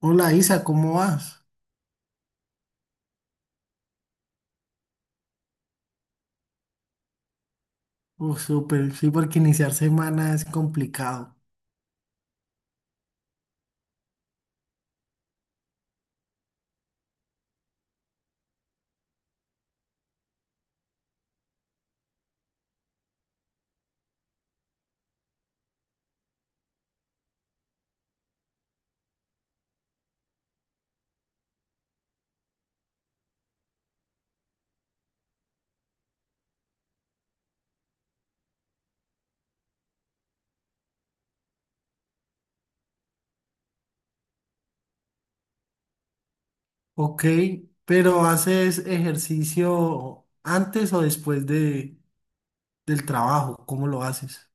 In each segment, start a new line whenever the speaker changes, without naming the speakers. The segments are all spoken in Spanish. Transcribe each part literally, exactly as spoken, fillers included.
Hola Isa, ¿cómo vas? Oh, súper, sí, porque iniciar semana es complicado. Ok, pero ¿haces ejercicio antes o después de, del trabajo? ¿Cómo lo haces?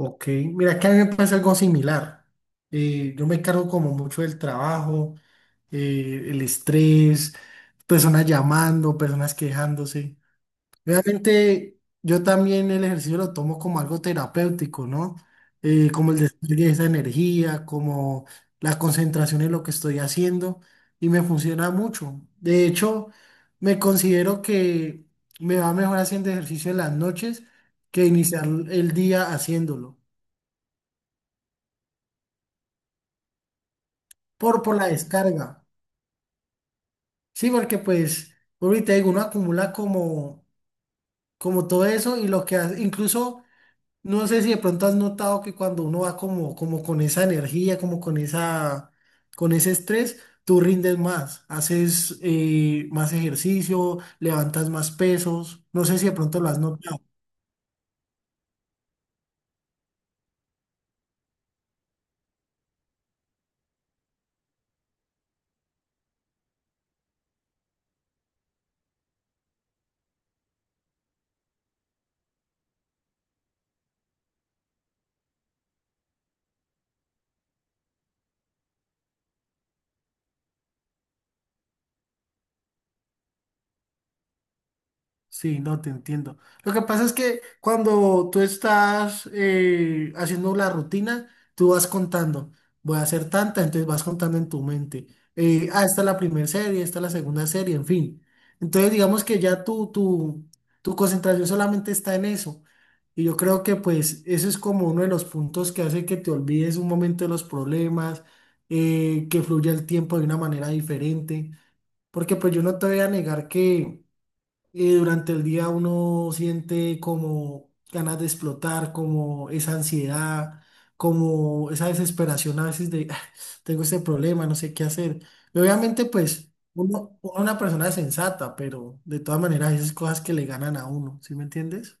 Ok, mira que a mí me pasa algo similar. Eh, yo me cargo como mucho del trabajo, eh, el estrés, personas llamando, personas quejándose. Realmente yo también el ejercicio lo tomo como algo terapéutico, ¿no? Eh, como el despliegue de esa energía, como la concentración en lo que estoy haciendo, y me funciona mucho. De hecho, me considero que me va mejor haciendo ejercicio en las noches que iniciar el día haciéndolo, por, por la descarga. Sí, porque pues, ahorita digo, uno acumula como, como todo eso y lo que hace, incluso... No sé si de pronto has notado que cuando uno va como, como con esa energía, como con esa, con ese estrés, tú rindes más, haces eh, más ejercicio, levantas más pesos. No sé si de pronto lo has notado. Sí, no te entiendo. Lo que pasa es que cuando tú estás eh, haciendo la rutina, tú vas contando. Voy a hacer tanta, entonces vas contando en tu mente. Eh, ah, esta es la primera serie, esta es la segunda serie, en fin. Entonces, digamos que ya tu, tu, tu concentración solamente está en eso. Y yo creo que pues eso es como uno de los puntos que hace que te olvides un momento de los problemas, eh, que fluya el tiempo de una manera diferente. Porque pues yo no te voy a negar que eh, durante el día uno siente como ganas de explotar, como esa ansiedad, como esa desesperación a veces de, "Ah, tengo este problema, no sé qué hacer". Y obviamente, pues, uno, uno una persona sensata, pero de todas maneras, esas cosas que le ganan a uno, ¿sí me entiendes?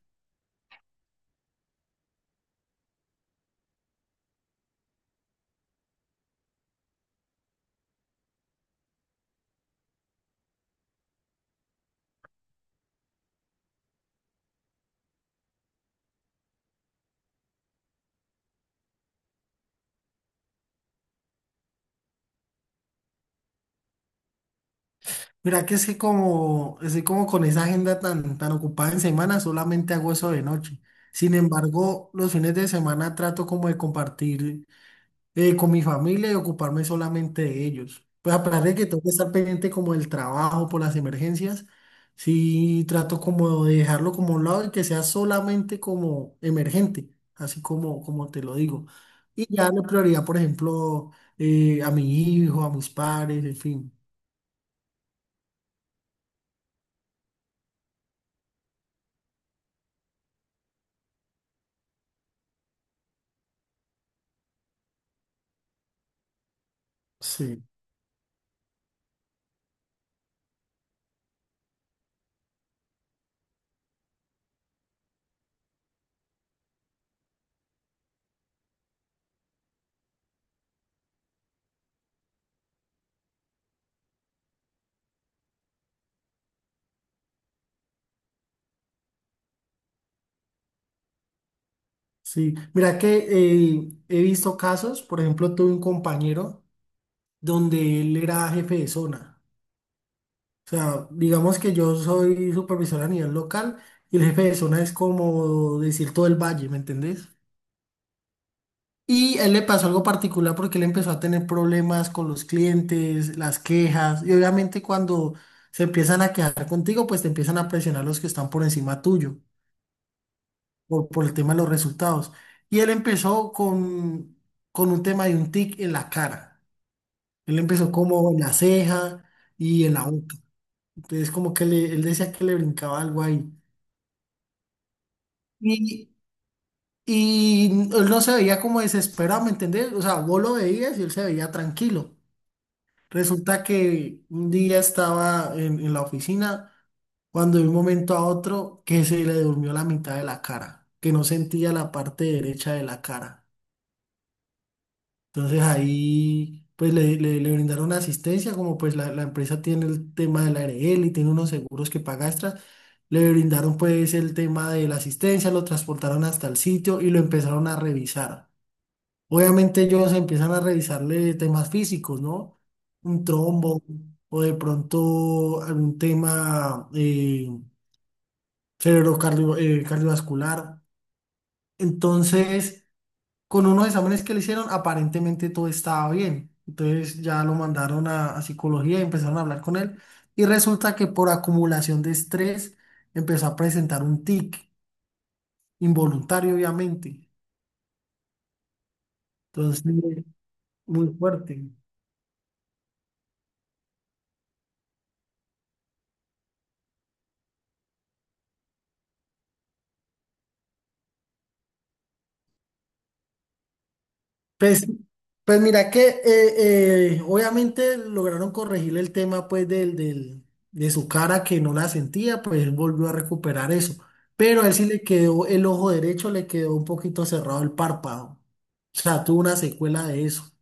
Mira que es que como, estoy como con esa agenda tan, tan ocupada en semana, solamente hago eso de noche. Sin embargo, los fines de semana trato como de compartir eh, con mi familia y ocuparme solamente de ellos. Pues a pesar de que tengo que estar pendiente como del trabajo por las emergencias, sí trato como de dejarlo como a un lado y que sea solamente como emergente, así como, como te lo digo. Y ya la prioridad, por ejemplo, eh, a mi hijo, a mis padres, en fin. Sí, sí. Mira que eh, he visto casos, por ejemplo, tuve un compañero donde él era jefe de zona. O sea, digamos que yo soy supervisor a nivel local y el jefe de zona es como decir todo el valle, ¿me entendés? Y a él le pasó algo particular porque él empezó a tener problemas con los clientes, las quejas, y obviamente cuando se empiezan a quejar contigo, pues te empiezan a presionar los que están por encima tuyo, por, por el tema de los resultados. Y él empezó con, con un tema de un tic en la cara. Él empezó como en la ceja y en la boca. Entonces como que le- él decía que le brincaba algo ahí. Y Y él no se veía como desesperado, ¿me entendés? O sea, vos lo veías y él se veía tranquilo. Resulta que un día estaba en, en la oficina cuando de un momento a otro que se le durmió la mitad de la cara, que no sentía la parte derecha de la cara. Entonces ahí pues le, le, le brindaron asistencia, como pues la, la empresa tiene el tema de la A R L y tiene unos seguros que paga extras. Le brindaron pues el tema de la asistencia, lo transportaron hasta el sitio y lo empezaron a revisar. Obviamente ellos empiezan a revisarle temas físicos, ¿no? Un trombo o de pronto algún tema eh, cerebrocardio- eh, cardiovascular. Entonces, con unos exámenes que le hicieron, aparentemente todo estaba bien. Entonces ya lo mandaron a, a psicología y empezaron a hablar con él. Y resulta que por acumulación de estrés empezó a presentar un tic involuntario, obviamente. Entonces, muy fuerte. Pues, pues mira que eh, eh, obviamente lograron corregir el tema pues del, del- de su cara que no la sentía, pues él volvió a recuperar eso. Pero a él sí le quedó el ojo derecho, le quedó un poquito cerrado el párpado. O sea, tuvo una secuela de eso.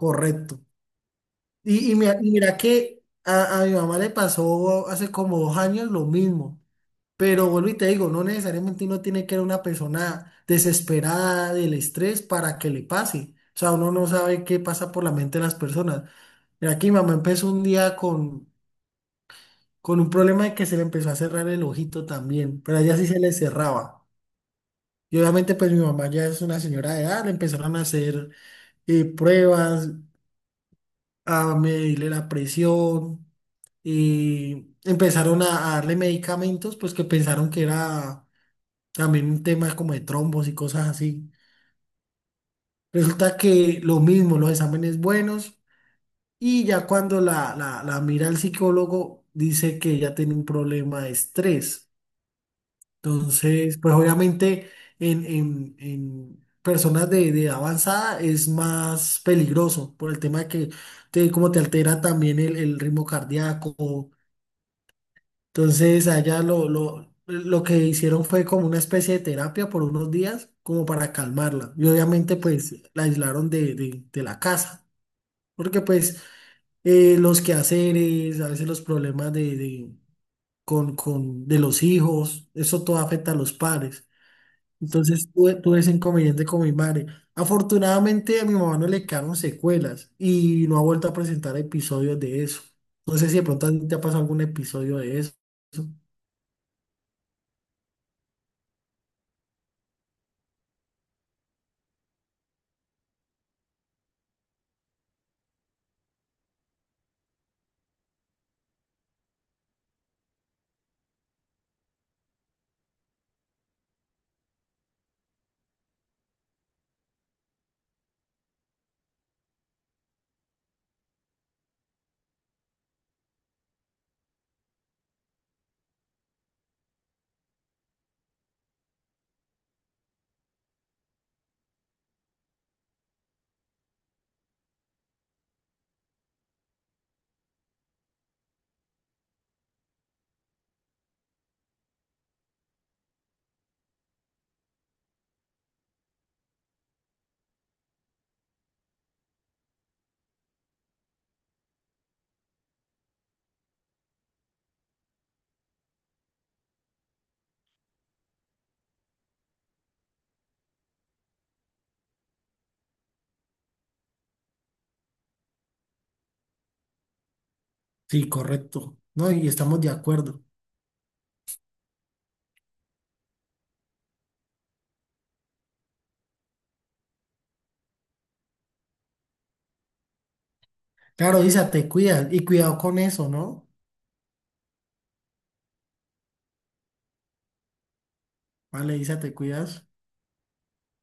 Correcto. Y, y mira, y mira que a, a mi mamá le pasó hace como dos años lo mismo. Pero vuelvo y te digo, no necesariamente uno tiene que ser una persona desesperada del estrés para que le pase. O sea, uno no sabe qué pasa por la mente de las personas. Mira, aquí mamá empezó un día con, con un problema de que se le empezó a cerrar el ojito también, pero a ella sí se le cerraba. Y obviamente pues mi mamá ya es una señora de edad, le empezaron a hacer eh, pruebas, a medirle la presión y empezaron a, a darle medicamentos pues que pensaron que era también un tema como de trombos y cosas así. Resulta que lo mismo, los exámenes buenos, y ya cuando la, la, la mira el psicólogo dice que ella tiene un problema de estrés. Entonces, pues obviamente en, en, en personas de, de avanzada es más peligroso por el tema de que te, como te altera también el, el ritmo cardíaco. Entonces, allá lo, lo, lo que hicieron fue como una especie de terapia por unos días, como para calmarla. Y obviamente, pues, la aislaron de, de- de la casa, porque pues eh, los quehaceres, a veces los problemas de, de- con, con, de los hijos, eso todo afecta a los padres. Entonces, tuve, tuve ese inconveniente con mi madre. Afortunadamente, a mi mamá no le quedaron secuelas y no ha vuelto a presentar episodios de eso. No sé si de pronto a ti te ha pasado algún episodio de eso. Sí, correcto. No, y estamos de acuerdo. Claro, Isa, te cuidas y cuidado con eso, ¿no? Vale, Isa, te cuidas.